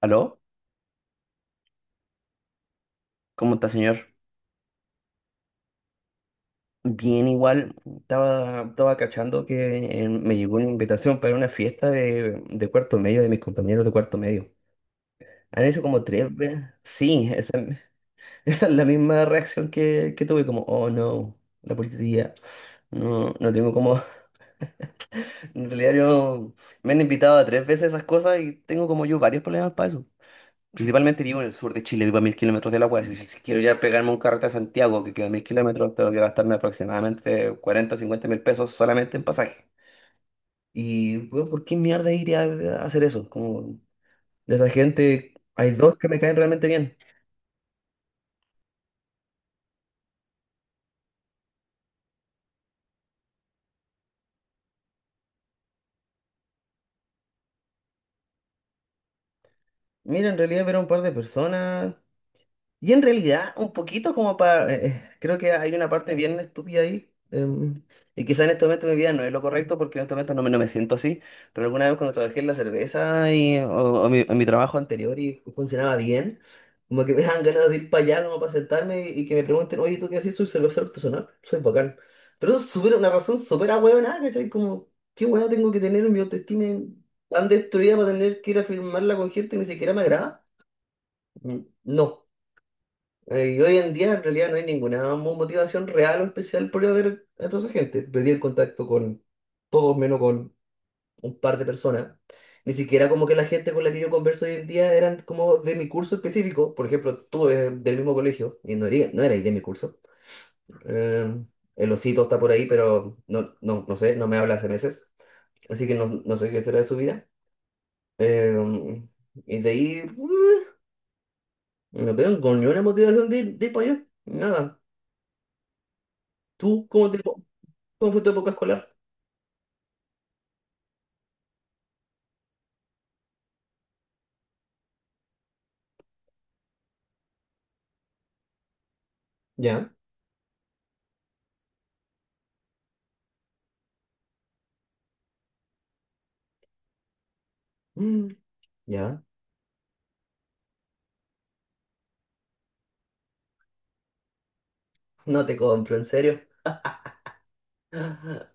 ¿Aló? ¿Cómo está, señor? Bien, igual. Estaba cachando que me llegó una invitación para una fiesta de cuarto medio, de mis compañeros de cuarto medio. Han hecho como tres veces. Sí, esa, esa es la misma reacción que tuve, como, oh no, la policía. No, no tengo como. En realidad, yo me han invitado a tres veces esas cosas y tengo como yo varios problemas para eso. Principalmente vivo en el sur de Chile, vivo a mil kilómetros de la UAS. Si quiero ya pegarme un carrete a Santiago, que queda a mil kilómetros, tengo que gastarme aproximadamente 40, o 50 mil pesos solamente en pasaje. Y, bueno, ¿por qué mierda iría a hacer eso? Como de esa gente, hay dos que me caen realmente bien. Mira, en realidad ver a un par de personas. Y en realidad, un poquito como para, creo que hay una parte bien estúpida ahí. Y quizá en este momento de mi vida no es lo correcto porque en este momento no me siento así. Pero alguna vez cuando trabajé en la cerveza o en mi trabajo anterior y funcionaba bien, como que me dan ganas de ir para allá como para sentarme y que me pregunten, oye, ¿tú qué haces? Soy cervecero artesanal, soy bacán. Pero eso es una razón súper ahueonada, ¿cachai? Como, ¿qué hueá tengo que tener en mi autoestima tan destruida para tener que ir a firmarla con gente que ni siquiera me agrada? Mm, No. Y hoy en día en realidad no hay ninguna motivación real o especial por ir a ver a toda esa gente. Perdí el contacto con todos menos con un par de personas. Ni siquiera como que la gente con la que yo converso hoy en día eran como de mi curso específico. Por ejemplo, tú eres del mismo colegio y no eres de mi curso. Eh, el osito está por ahí, pero no sé, no me habla hace meses. Así que no sé qué será de su vida. Eh, y de ahí, no tengo con ninguna motivación de ir para allá. Nada. ¿Tú cómo te... ¿Cómo fue poco escolar? Ya. Mm, ya, no te compro, en serio. Ah,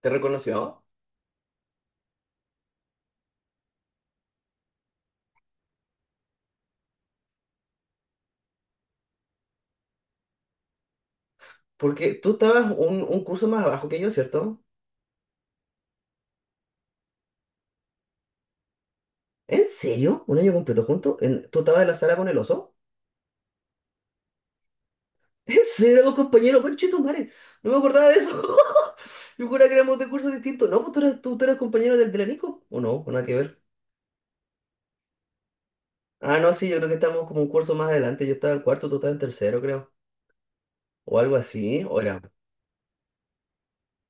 ¿te reconoció? Porque tú estabas un curso más abajo que yo, ¿cierto? ¿En serio? ¿Un año completo juntos? ¿En- ¿Tú estabas en la sala con el oso? ¿En serio, éramos compañeros? ¡Conchetumare! No me acordaba de eso. Yo juraba que éramos de cursos distintos. No, pues tú eras, tú eras compañero del la. ¿O no? ¿O nada que ver? Ah, no, sí, yo creo que estábamos como un curso más adelante. Yo estaba en cuarto, tú estabas en tercero, creo. O algo así. O era...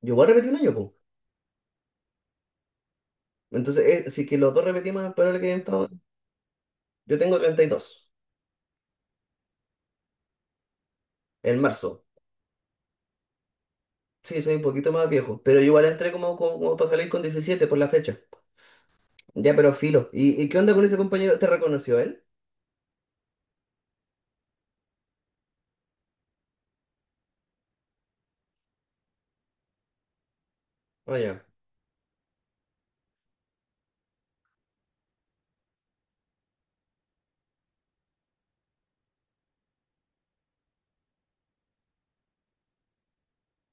Yo voy a repetir un año, pues. Entonces, si que los dos repetimos, pero el que yo tengo 32 en marzo. Sí, soy un poquito más viejo, pero yo igual entré como para salir con 17 por la fecha. Ya, pero filo. Y qué onda con ese compañero? ¿Te reconoció él? Oye,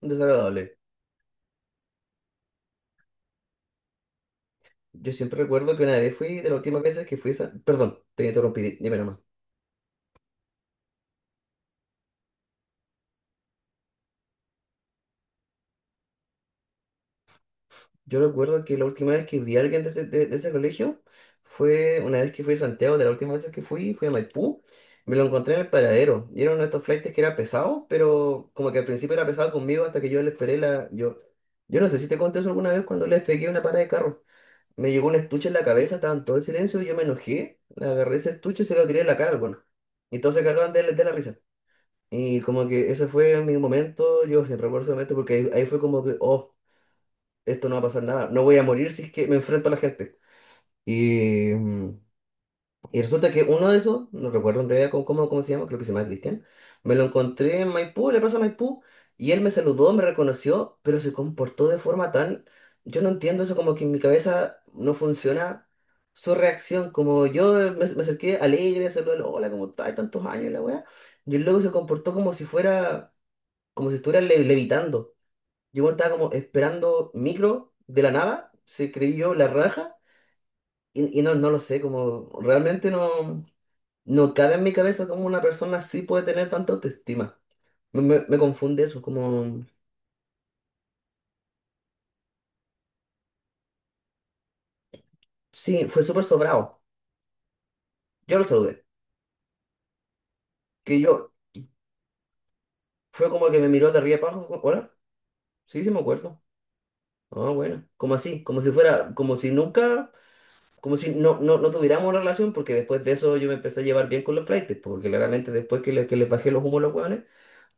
desagradable. Yo siempre recuerdo que una vez fui, de las últimas veces que fui, a perdón, te interrumpí, dime nomás. Yo recuerdo que la última vez que vi a alguien de de ese colegio fue una vez que fui a Santiago, de la última vez que fui, fui a Maipú, me lo encontré en el paradero. Y era uno de estos flaites que era pesado, pero como que al principio era pesado conmigo hasta que yo le esperé la... Yo no sé si te conté eso alguna vez cuando les pegué una parada de carro. Me llegó un estuche en la cabeza, estaba en todo el silencio, y yo me enojé, le agarré ese estuche y se lo tiré en la cara al bueno. Y todos se cagaban de la risa. Y como que ese fue mi momento, yo siempre recuerdo ese momento porque ahí fue como que, oh, esto no va a pasar nada, no voy a morir si es que me enfrento a la gente. Y, y resulta que uno de esos, no recuerdo en realidad cómo se llama, creo que se llama Cristian, me lo encontré en Maipú, en la plaza Maipú, y él me saludó, me reconoció, pero se comportó de forma tan, yo no entiendo eso, como que en mi cabeza no funciona su reacción, como yo me acerqué alegre, saludé, hola, ¿cómo estás? Tantos años, la weá, y el loco se comportó como si fuera, como si estuviera levitando. Yo bueno, estaba como esperando micro de la nada, se creyó la raja, y no, no lo sé, como realmente no, no cabe en mi cabeza cómo una persona así puede tener tanta autoestima. Me confunde eso, como, sí, fue súper sobrado. Yo lo saludé, que yo, fue como que me miró de arriba abajo, como, hola, sí, sí me acuerdo. Ah, bueno, como así, como si fuera, como si nunca, como si no tuviéramos una relación, porque después de eso yo me empecé a llevar bien con los flaites, porque claramente después que les bajé los humos a los hueones,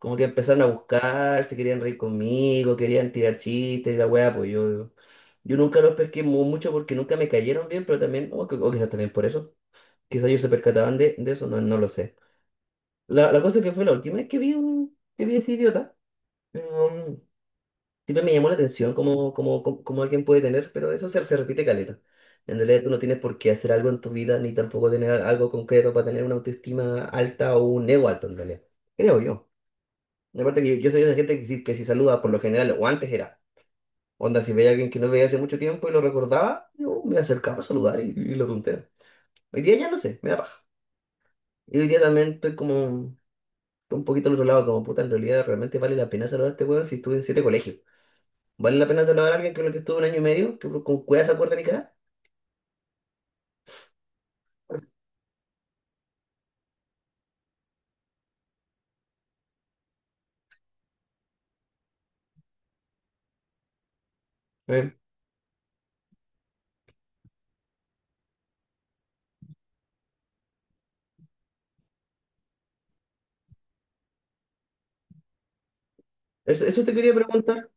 como que empezaron a buscar, se querían reír conmigo, querían tirar chistes y la weá, pues yo nunca los pesqué mucho porque nunca me cayeron bien, pero también, o quizás también por eso, quizás ellos se percataban de eso, no lo sé. La cosa es que fue la última vez que vi a ese idiota. Siempre me llamó la atención cómo alguien puede tener, pero se repite caleta. En realidad tú no tienes por qué hacer algo en tu vida, ni tampoco tener algo concreto para tener una autoestima alta o un ego alto en realidad. Creo yo. Aparte que yo soy de esa gente que si saluda por lo general, o antes era, onda, si veía a alguien que no veía hace mucho tiempo y lo recordaba, yo me acercaba a saludar y lo tontero. Hoy día ya no sé, me da paja. Y hoy día también estoy como un poquito al otro lado, como puta, en realidad realmente vale la pena saludar a este weón si estuve en siete colegios. ¿Vale la pena salvar a alguien con el que estuve un año y medio? ¿Que con cuidado se acuerda de mi cara? Eh, Eso, eso te quería preguntar.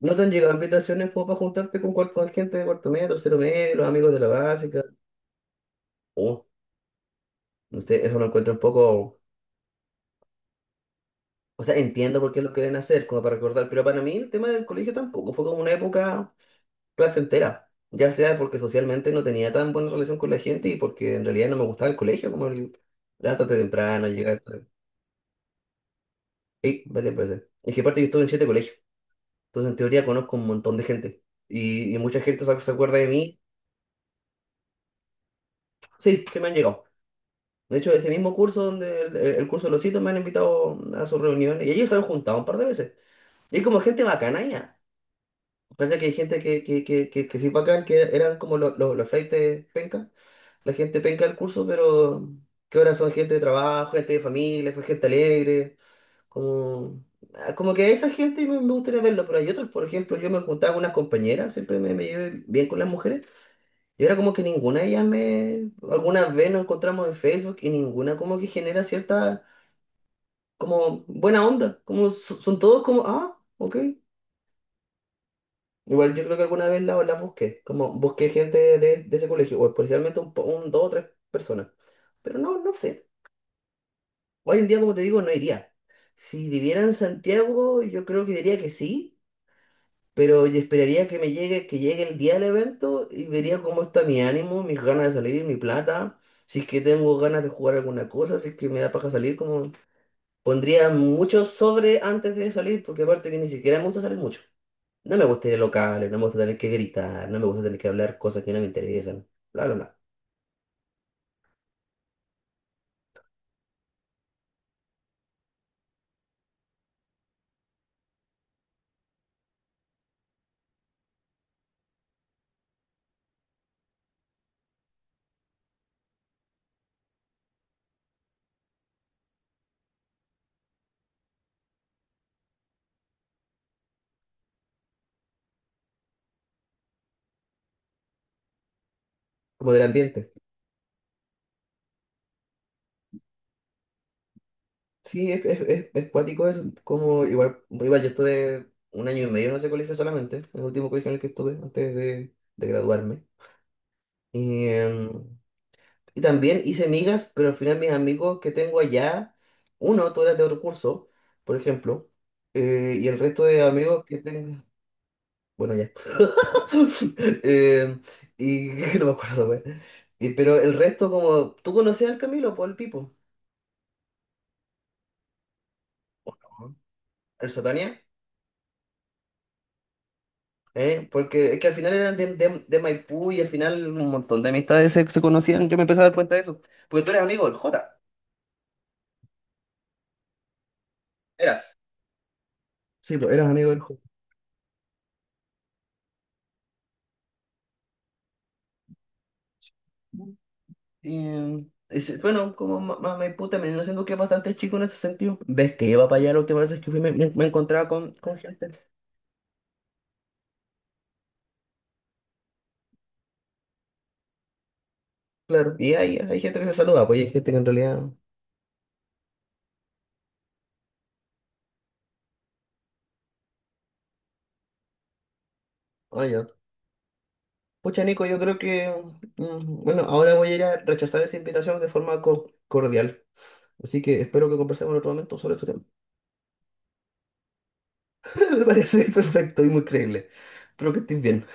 ¿No te han llegado invitaciones como para juntarte con, con gente de cuarto medio, tercero medio, los amigos de la básica? Oh, no sé, eso lo encuentro un poco... O sea, entiendo por qué lo quieren hacer, como para recordar, pero para mí el tema del colegio tampoco fue como una época placentera. Ya sea porque socialmente no tenía tan buena relación con la gente y porque en realidad no me gustaba el colegio, como el levantarte temprano, llegar tarde. Y, vale, parece. Es que aparte yo estuve en siete colegios. Entonces, en teoría, conozco un montón de gente. Y mucha gente se acuerda de mí. Sí, que me han llegado. De hecho, ese mismo curso donde el curso de los hitos me han invitado a sus reuniones. Y ellos se han juntado un par de veces. Y hay como gente bacana ya. Parece que hay gente que sí bacán, eran como los flaites penca. La gente penca del curso, pero que ahora son gente de trabajo, gente de familia, son gente alegre. Como, ah, como que a esa gente me gustaría verlo. Pero hay otros, por ejemplo, yo me juntaba con unas compañeras. Siempre me llevé bien con las mujeres. Y era como que ninguna de ellas me... Algunas veces nos encontramos en Facebook y ninguna como que genera cierta como buena onda. Como son todos como, ah, ok. Igual yo creo que alguna vez las busqué. Como busqué gente de ese colegio. O especialmente dos o tres personas. Pero no, no sé. Hoy en día, como te digo, no iría. Si viviera en Santiago, yo creo que diría que sí. Pero yo esperaría que me llegue, que llegue el día del evento y vería cómo está mi ánimo, mis ganas de salir, mi plata, si es que tengo ganas de jugar alguna cosa, si es que me da paja salir, como pondría mucho sobre antes de salir, porque aparte que ni siquiera me gusta salir mucho. No me gusta ir a locales, no me gusta tener que gritar, no me gusta tener que hablar cosas que no me interesan, bla, bla, bla. Como del ambiente. Sí, es cuático eso. Como igual, igual yo estuve un año y medio en ese colegio solamente, el último colegio en el que estuve antes de graduarme. Y, y también hice migas, pero al final mis amigos que tengo allá, uno, tú eras de otro curso, por ejemplo, y el resto de amigos que tengo, bueno, ya. Em, y no me acuerdo, güey. Y, pero el resto, como, tú conocías al Camilo, por el Pipo. Ajá. El Satania, ¿eh? Porque es que al final eran de Maipú y al final un montón de amistades se conocían. Yo me empecé a dar cuenta de eso, porque tú eres amigo del Jota, eras. Sí, pues eras amigo del Jota. Y, bueno, como Maipú también, yo siento que es bastante chico en ese sentido. Ves que iba para allá la última vez que fui, me encontraba con gente. Claro, y hay gente que se saluda, pues y hay gente que en realidad. Oye, pucha, Nico, yo creo que. Mm, bueno, ahora voy a ir a rechazar esa invitación de forma cordial. Así que espero que conversemos en otro momento sobre este tema. Me parece perfecto y muy creíble. Espero que estés bien.